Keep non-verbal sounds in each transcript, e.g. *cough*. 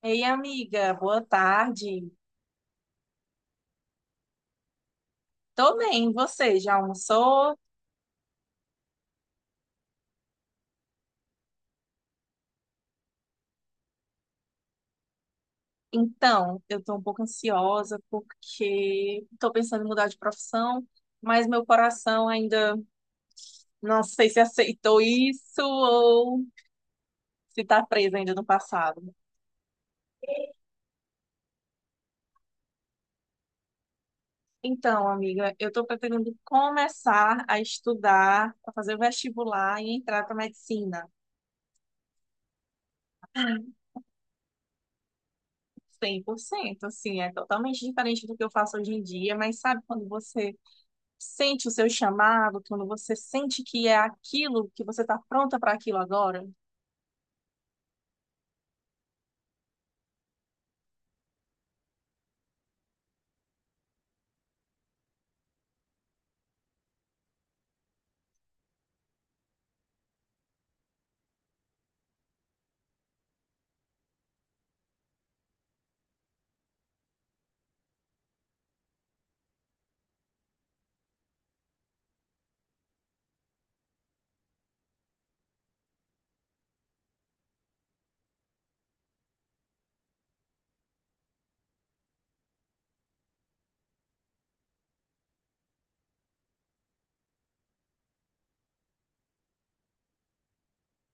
Ei, amiga, boa tarde. Tô bem, você já almoçou? Então, eu tô um pouco ansiosa porque tô pensando em mudar de profissão, mas meu coração ainda, não sei se aceitou isso ou se tá preso ainda no passado. Então, amiga, eu tô pretendendo começar a estudar, a fazer o vestibular e entrar para medicina. 100%, assim, é totalmente diferente do que eu faço hoje em dia, mas sabe quando você sente o seu chamado, quando você sente que é aquilo, que você está pronta para aquilo agora?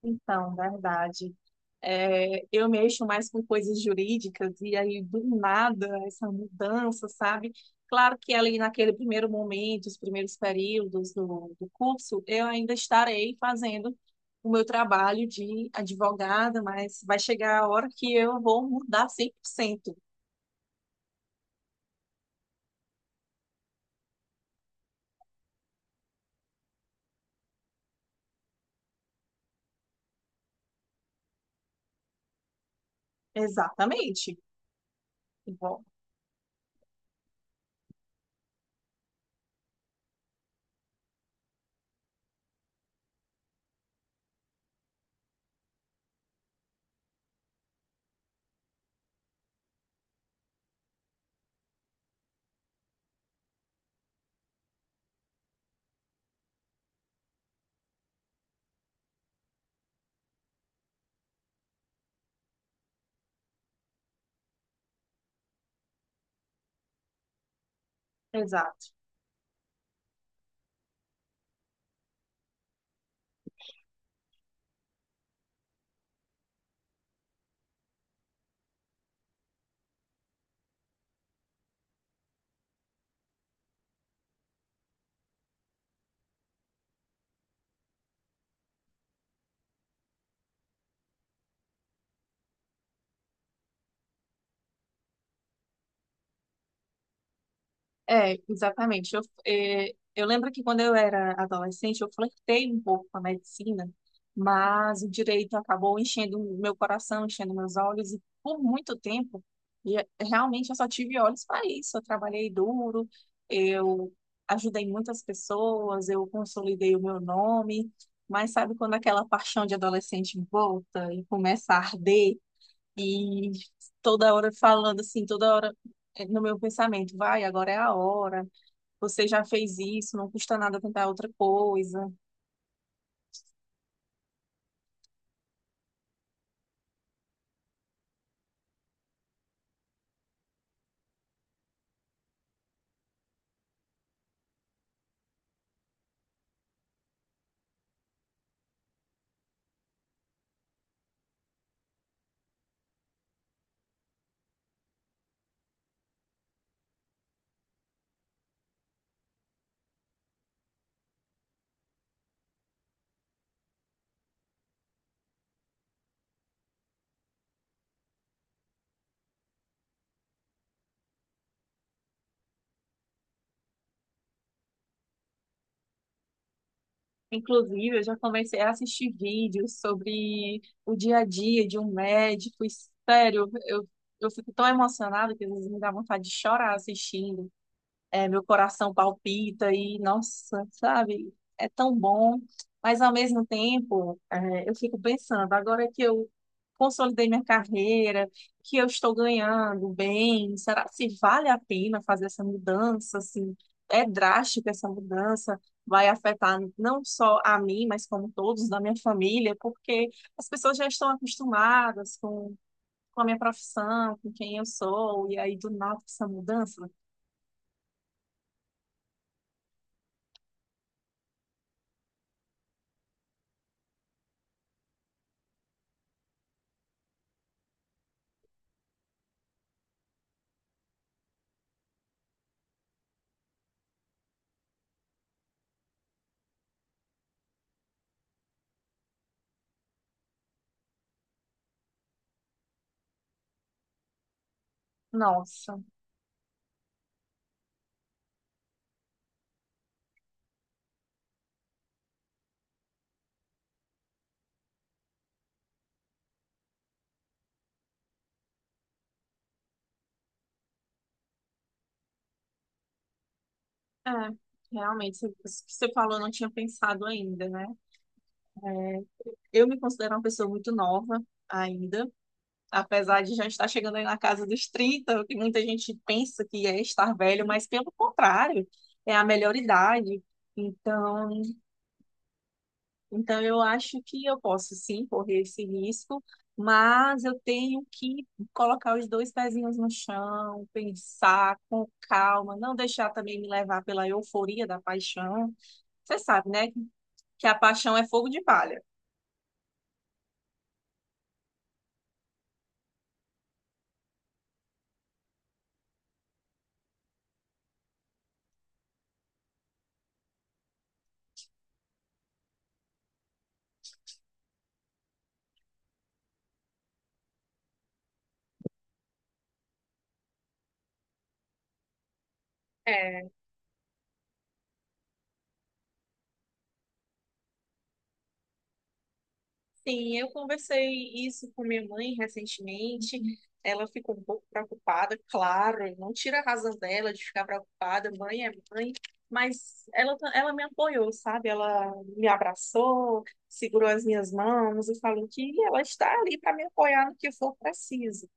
Então, verdade. É, eu mexo mais com coisas jurídicas e aí do nada essa mudança, sabe? Claro que ali naquele primeiro momento, os primeiros períodos do curso, eu ainda estarei fazendo o meu trabalho de advogada, mas vai chegar a hora que eu vou mudar 100%. Exatamente. Bom, exato. É, exatamente. Eu, é, eu lembro que quando eu era adolescente, eu flertei um pouco com a medicina, mas o direito acabou enchendo o meu coração, enchendo meus olhos, e por muito tempo, e realmente eu só tive olhos para isso. Eu trabalhei duro, eu ajudei muitas pessoas, eu consolidei o meu nome, mas sabe quando aquela paixão de adolescente volta e começa a arder? E toda hora falando assim, toda hora no meu pensamento, vai, agora é a hora, você já fez isso, não custa nada tentar outra coisa. Inclusive, eu já comecei a assistir vídeos sobre o dia a dia de um médico, e, sério, eu fico tão emocionada que às vezes me dá vontade de chorar assistindo. É, meu coração palpita e, nossa, sabe, é tão bom. Mas, ao mesmo tempo, é, eu fico pensando, agora que eu consolidei minha carreira, que eu estou ganhando bem, será se vale a pena fazer essa mudança, assim, é drástica essa mudança, vai afetar não só a mim, mas como todos da minha família, porque as pessoas já estão acostumadas com a minha profissão, com quem eu sou, e aí do nada essa mudança, nossa. É, realmente, isso que você falou, eu não tinha pensado ainda, né? É, eu me considero uma pessoa muito nova ainda, apesar de já estar chegando aí na casa dos trinta, o que muita gente pensa que é estar velho, mas pelo contrário, é a melhor idade. Então, então, eu acho que eu posso sim correr esse risco, mas eu tenho que colocar os dois pezinhos no chão, pensar com calma, não deixar também me levar pela euforia da paixão. Você sabe, né? Que a paixão é fogo de palha. É, sim, eu conversei isso com minha mãe recentemente. Ela ficou um pouco preocupada, claro, não tira a razão dela de ficar preocupada, mãe é mãe, mas ela, ela me apoiou, sabe? Ela me abraçou, segurou as minhas mãos e falou que ela está ali para me apoiar no que for preciso.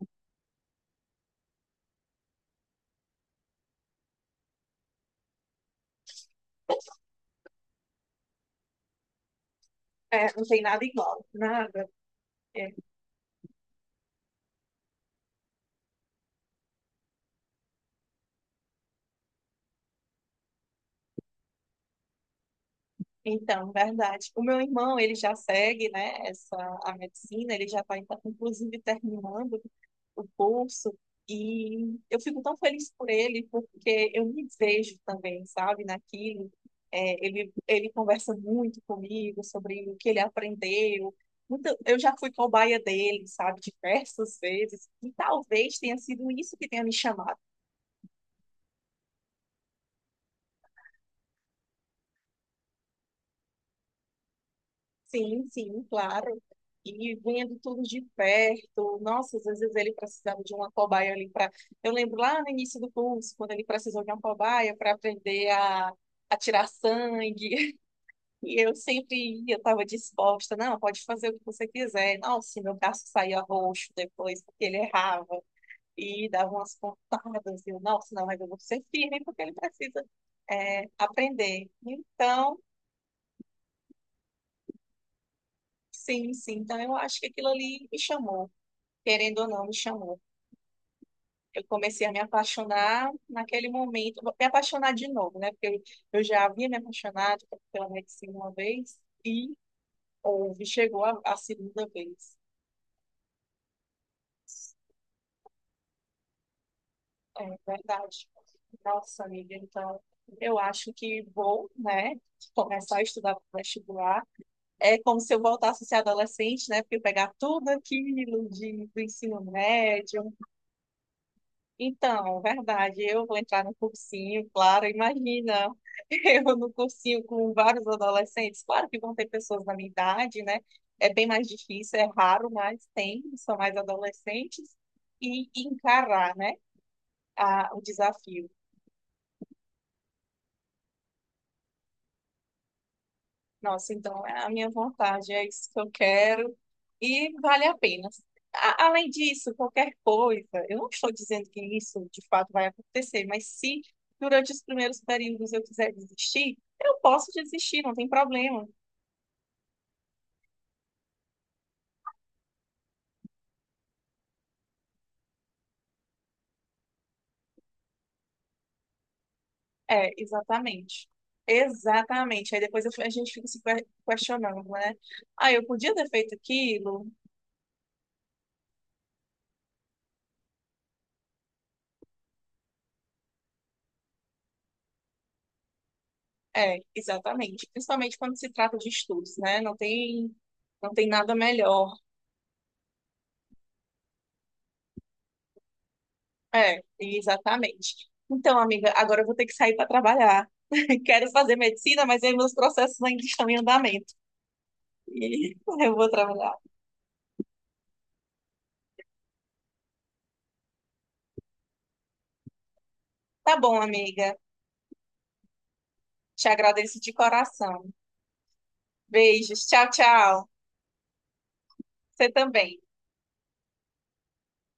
É, não tem nada igual, nada. Então, verdade. O meu irmão, ele já segue, né, essa, a medicina, ele já está inclusive terminando o curso e eu fico tão feliz por ele porque eu me vejo também, sabe, naquilo. É, ele conversa muito comigo sobre o que ele aprendeu. Eu já fui cobaia dele, sabe, diversas vezes e talvez tenha sido isso que tenha me chamado. Sim, sim, claro. E vinha de tudo de perto. Nossa, às vezes ele precisava de uma cobaia ali para. Eu lembro lá no início do curso, quando ele precisou de uma cobaia para aprender a tirar sangue. *laughs* E eu sempre ia, estava disposta. Não, pode fazer o que você quiser. Nossa, meu braço saía roxo depois, porque ele errava. E dava umas pontadas. E eu, nossa, não, mas eu vou ser firme, porque ele precisa, é, aprender. Então, sim, sim. Então, eu acho que aquilo ali me chamou, querendo ou não, me chamou. Eu comecei a me apaixonar naquele momento, me apaixonar de novo, né? Porque eu já havia me apaixonado pela medicina uma vez e houve, chegou a segunda vez. É verdade. Nossa, amiga, então eu acho que vou, né, começar a estudar para vestibular. É como se eu voltasse a ser adolescente, né? Porque eu pegar tudo aquilo do ensino médio. Então, verdade, eu vou entrar no cursinho, claro, imagina, *laughs* eu no cursinho com vários adolescentes, claro que vão ter pessoas da minha idade, né? É bem mais difícil, é raro, mas tem, são mais adolescentes, e encarar, né, o desafio. Nossa, então é a minha vontade, é isso que eu quero e vale a pena. Além disso, qualquer coisa, eu não estou dizendo que isso de fato vai acontecer, mas se durante os primeiros períodos eu quiser desistir, eu posso desistir, não tem problema. É, exatamente. Exatamente. Aí depois eu a gente fica se questionando, né? Ah, eu podia ter feito aquilo? É, exatamente. Principalmente quando se trata de estudos, né? Não tem, não tem nada melhor. É, exatamente. Então, amiga, agora eu vou ter que sair para trabalhar. *laughs* Quero fazer medicina, mas aí meus processos ainda estão em andamento. E *laughs* eu vou trabalhar. Tá bom, amiga. Te agradeço de coração. Beijos. Tchau, tchau. Você também.